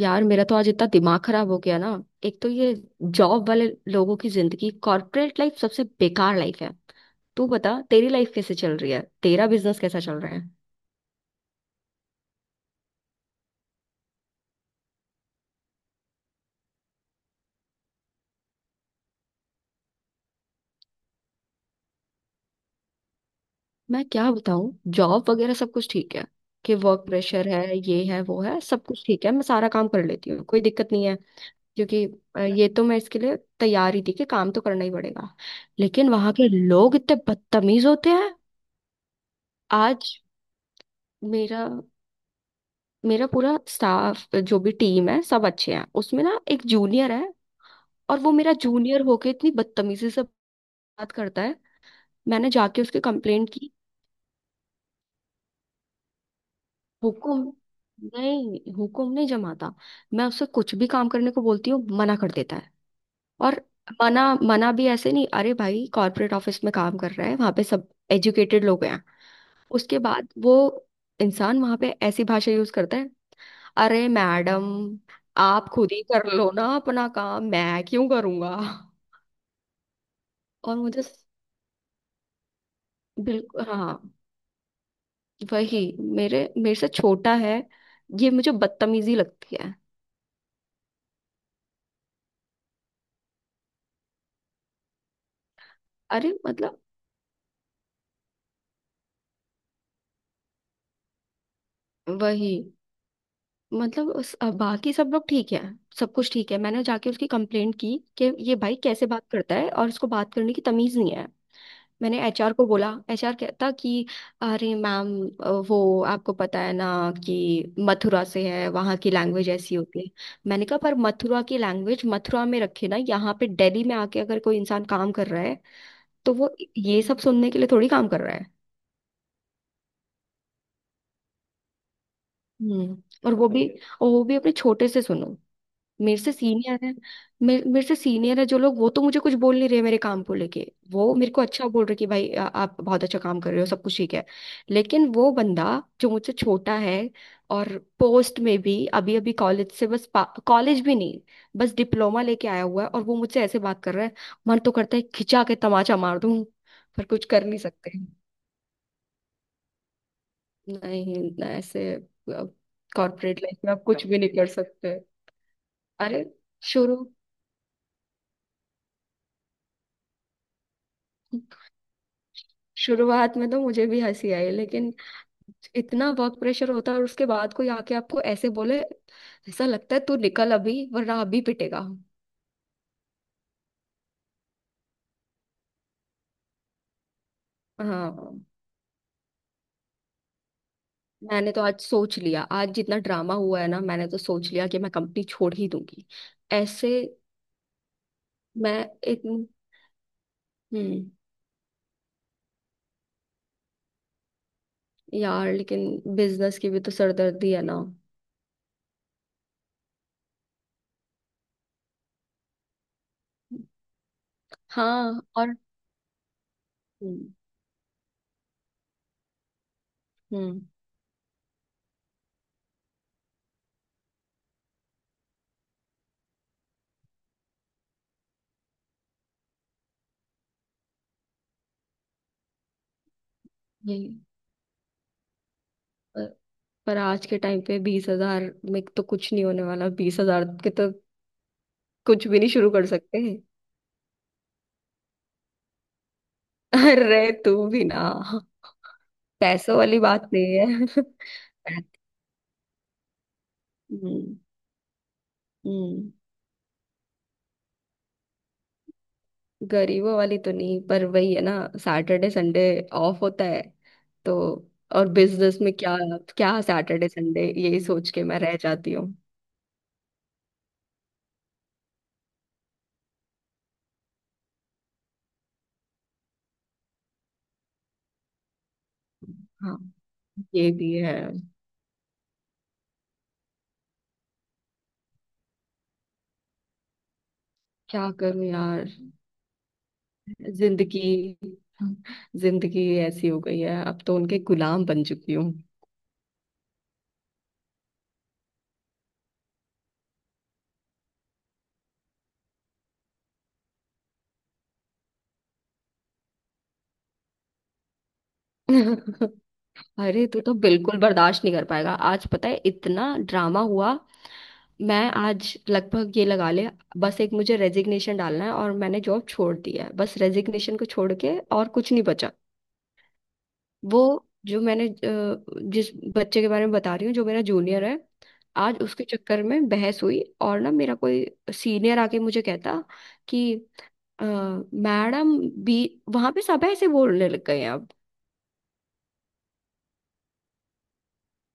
यार मेरा तो आज इतना दिमाग खराब हो गया ना। एक तो ये जॉब वाले लोगों की जिंदगी कॉर्पोरेट लाइफ सबसे बेकार लाइफ है। तू बता, तेरी लाइफ कैसे चल रही है, तेरा बिजनेस कैसा चल रहा है? मैं क्या बताऊं, जॉब वगैरह सब कुछ ठीक है। कि वर्क प्रेशर है, ये है, वो है, सब कुछ ठीक है। मैं सारा काम कर लेती हूँ, कोई दिक्कत नहीं है। क्योंकि ये तो मैं इसके लिए तैयार ही थी कि काम तो करना ही पड़ेगा। लेकिन वहां के लोग इतने बदतमीज होते हैं। आज मेरा मेरा पूरा स्टाफ जो भी टीम है सब अच्छे हैं, उसमें ना एक जूनियर है। और वो मेरा जूनियर होके इतनी बदतमीजी से बात करता है। मैंने जाके उसकी कंप्लेंट की। हुकुम नहीं, हुकुम नहीं जमाता। मैं उससे कुछ भी काम करने को बोलती हूँ, मना कर देता है। और मना मना भी ऐसे नहीं, अरे भाई कॉर्पोरेट ऑफिस में काम कर रहा है, वहां पे सब एजुकेटेड लोग हैं। उसके बाद वो इंसान वहां पे ऐसी भाषा यूज करता है। अरे मैडम, आप खुद ही कर लो ना अपना काम, मैं क्यों करूँगा। और मुझे स- बिल्कुल हाँ। वही, मेरे मेरे से छोटा है, ये मुझे बदतमीजी लगती है। अरे मतलब, वही। मतलब उस, बाकी सब लोग ठीक है। सब कुछ ठीक है। मैंने जाके उसकी कंप्लेंट की कि ये भाई कैसे बात करता है और इसको बात करने की तमीज नहीं है। मैंने एचआर को बोला, एचआर कहता कि अरे मैम, वो आपको पता है ना कि मथुरा से है, वहाँ की लैंग्वेज ऐसी होती है। मैंने कहा पर मथुरा की लैंग्वेज मथुरा में रखे ना, यहाँ पे दिल्ली में आके अगर कोई इंसान काम कर रहा है तो वो ये सब सुनने के लिए थोड़ी काम कर रहा है। हम्म और वो भी, और वो भी अपने छोटे से सुनो। मेरे से सीनियर है। मेरे मेरे से सीनियर है जो लोग, वो तो मुझे कुछ बोल नहीं रहे मेरे काम को लेके। वो मेरे को अच्छा बोल रहे कि भाई आप बहुत अच्छा काम कर रहे हो, सब कुछ ठीक है। लेकिन वो बंदा जो मुझसे छोटा है और पोस्ट में भी अभी अभी कॉलेज से बस, कॉलेज भी नहीं, बस डिप्लोमा लेके आया हुआ है, और वो मुझसे ऐसे बात कर रहा है। मन तो करता है खिंचा के तमाचा मार दूं, पर कुछ कर नहीं सकते। नहीं ना, ऐसे कॉर्पोरेट लाइफ में आप कुछ भी नहीं कर सकते। अरे शुरू शुरुआत में तो मुझे भी हंसी आई, लेकिन इतना वर्क प्रेशर होता है और उसके बाद कोई आके आपको ऐसे बोले, ऐसा लगता है तू निकल अभी वरना अभी पिटेगा। हाँ, मैंने तो आज सोच लिया, आज जितना ड्रामा हुआ है ना, मैंने तो सोच लिया कि मैं कंपनी छोड़ ही दूंगी ऐसे। मैं एक हम्म। यार लेकिन बिजनेस की भी तो सरदर्दी है ना। हाँ और। हम्म। हम्म, यही। पर पर आज के टाइम पे 20,000 में तो कुछ नहीं होने वाला, 20,000 के तो कुछ भी नहीं शुरू कर सकते। अरे तू भी ना। पैसों वाली बात नहीं है। हम्म। हम्म, गरीबों वाली तो नहीं, पर वही है ना। सैटरडे संडे ऑफ होता है तो। और बिजनेस में क्या? क्या सैटरडे संडे, यही सोच के मैं रह जाती हूँ। हाँ ये भी है। क्या करूं यार। जिंदगी जिंदगी ऐसी हो गई है अब तो, उनके गुलाम बन चुकी हूँ। अरे तू तो बिल्कुल बर्दाश्त नहीं कर पाएगा, आज पता है इतना ड्रामा हुआ। मैं आज लगभग ये लगा ले, बस एक मुझे रेजिग्नेशन डालना है और मैंने जॉब छोड़ दी है, बस रेजिग्नेशन को छोड़ के और कुछ नहीं बचा। वो जो मैंने जिस बच्चे के बारे में बता रही हूँ जो मेरा जूनियर है, आज उसके चक्कर में बहस हुई। और ना मेरा कोई सीनियर आके मुझे कहता कि मैडम भी वहां पे सब ऐसे बोलने लग गए हैं अब।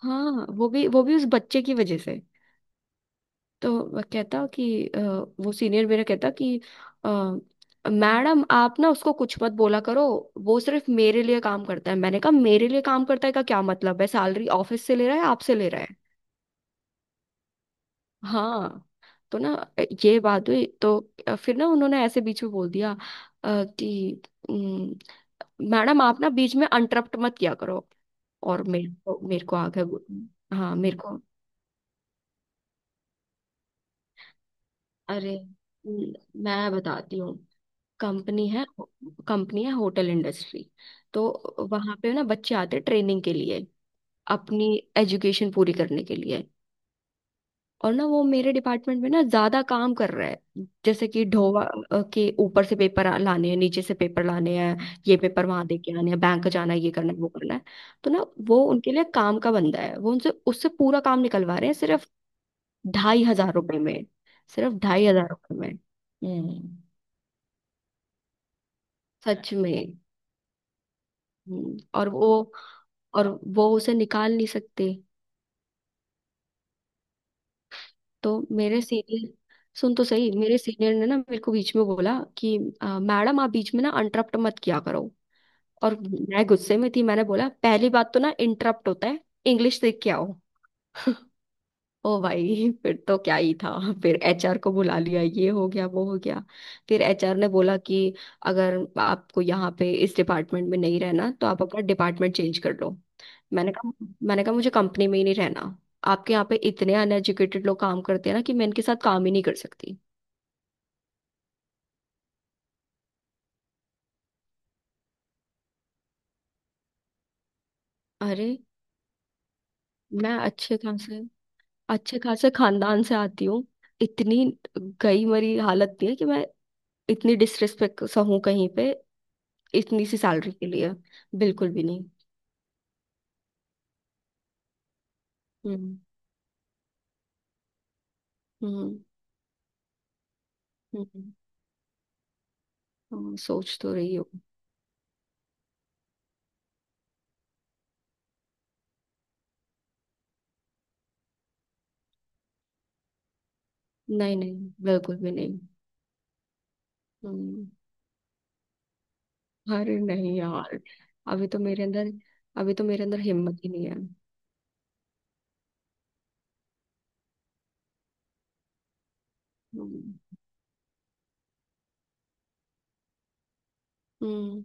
हाँ, वो भी, वो भी उस बच्चे की वजह से। तो वह कहता कि वो सीनियर मेरा कहता कि अ, मैडम आप ना उसको कुछ मत बोला करो, वो सिर्फ मेरे लिए काम करता है। मैंने कहा मेरे लिए काम करता है का क्या मतलब है, सैलरी ऑफिस से ले रहा है आपसे ले रहा है? हाँ तो ना ये बात हुई तो फिर ना उन्होंने ऐसे बीच में बोल दिया कि "उम, मैडम आप ना बीच में इंटरप्ट मत किया करो। और मेरे को आ गया हाँ, मेरे को। अरे न- मैं बताती हूँ। कंपनी है, कंपनी है होटल इंडस्ट्री। तो वहां पे ना बच्चे आते हैं ट्रेनिंग के लिए, अपनी एजुकेशन पूरी करने के लिए। और ना वो मेरे डिपार्टमेंट में ना ज्यादा काम कर रहा है, जैसे कि ढोवा, के ऊपर से पेपर लाने हैं, नीचे से पेपर लाने हैं, ये पेपर वहां दे के आने हैं, बैंक जाना है, ये करना है, वो करना है। तो ना वो उनके लिए काम का बंदा है, वो उनसे उससे पूरा काम निकलवा रहे हैं सिर्फ ₹2,500 में, सिर्फ ₹2,500 में। हम्म। सच में। और वो, और वो उसे निकाल नहीं सकते। तो मेरे सीनियर, सुन तो सही। मेरे सीनियर ने ना मेरे को बीच में बोला कि मैडम आप बीच में ना इंटरप्ट मत किया करो। और मैं गुस्से में थी, मैंने बोला पहली बात तो ना इंटरप्ट होता है, इंग्लिश सीख के आओ। ओ भाई फिर तो क्या ही था। फिर एचआर को बुला लिया, ये हो गया वो हो गया। फिर एचआर ने बोला कि अगर आपको यहाँ पे इस डिपार्टमेंट में नहीं रहना तो आप अपना डिपार्टमेंट चेंज कर लो। मैंने कहा मैंने कहा मुझे कंपनी में ही नहीं रहना, आपके यहाँ पे इतने अनएजुकेटेड लोग काम करते हैं ना कि मैं इनके साथ काम ही नहीं कर सकती। अरे मैं अच्छे खासे खानदान से आती हूँ। इतनी गई मरी हालत नहीं है कि मैं इतनी डिसरिस्पेक्ट सा हूँ कहीं पे, इतनी सी सैलरी के लिए। बिल्कुल भी। हम्म। हम्म। हम्म, हाँ, सोच तो रही हो। नहीं नहीं, बिल्कुल भी नहीं। हम्म। अरे नहीं यार। अभी तो मेरे अंदर अभी तो मेरे अंदर हिम्मत ही नहीं है। हम्म। हम्म।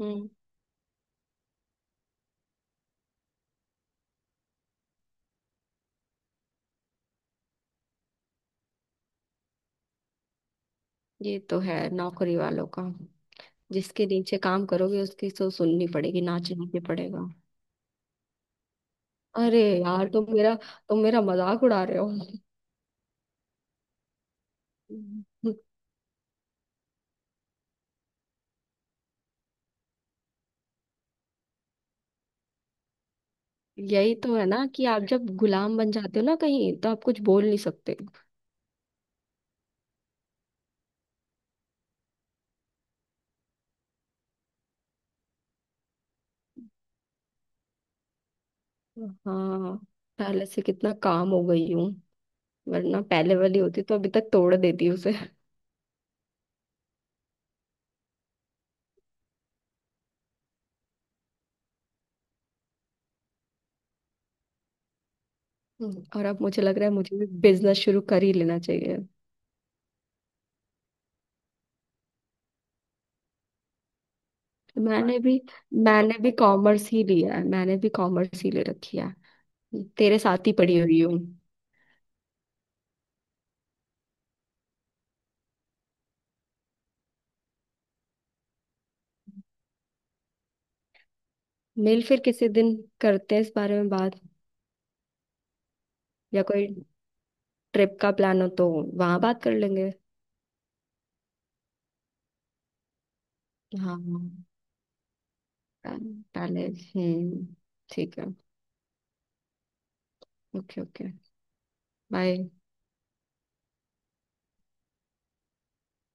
हम्म, ये तो है नौकरी वालों का। जिसके नीचे काम करोगे उसकी तो सुननी पड़ेगी, नाचना भी पड़ेगा। अरे यार, तुम मेरा मजाक उड़ा रहे हो। हम्म, यही तो है ना कि आप जब गुलाम बन जाते हो ना कहीं तो आप कुछ बोल नहीं सकते। हाँ, पहले से कितना काम हो गई हूँ, वरना पहले वाली होती तो अभी तक तोड़ देती उसे। हम्म। और अब मुझे लग रहा है मुझे भी बिजनेस शुरू कर ही लेना चाहिए। मैंने भी मैंने भी कॉमर्स ही लिया है, मैंने भी कॉमर्स ही ले रखी है। तेरे साथ ही पड़ी हुई हूँ। मिल फिर किसी दिन, करते हैं इस बारे में बात। या कोई ट्रिप का प्लान हो तो वहां बात कर लेंगे। हाँ, पहले पहले- हम्म, ठीक है। Okay okay. बाय।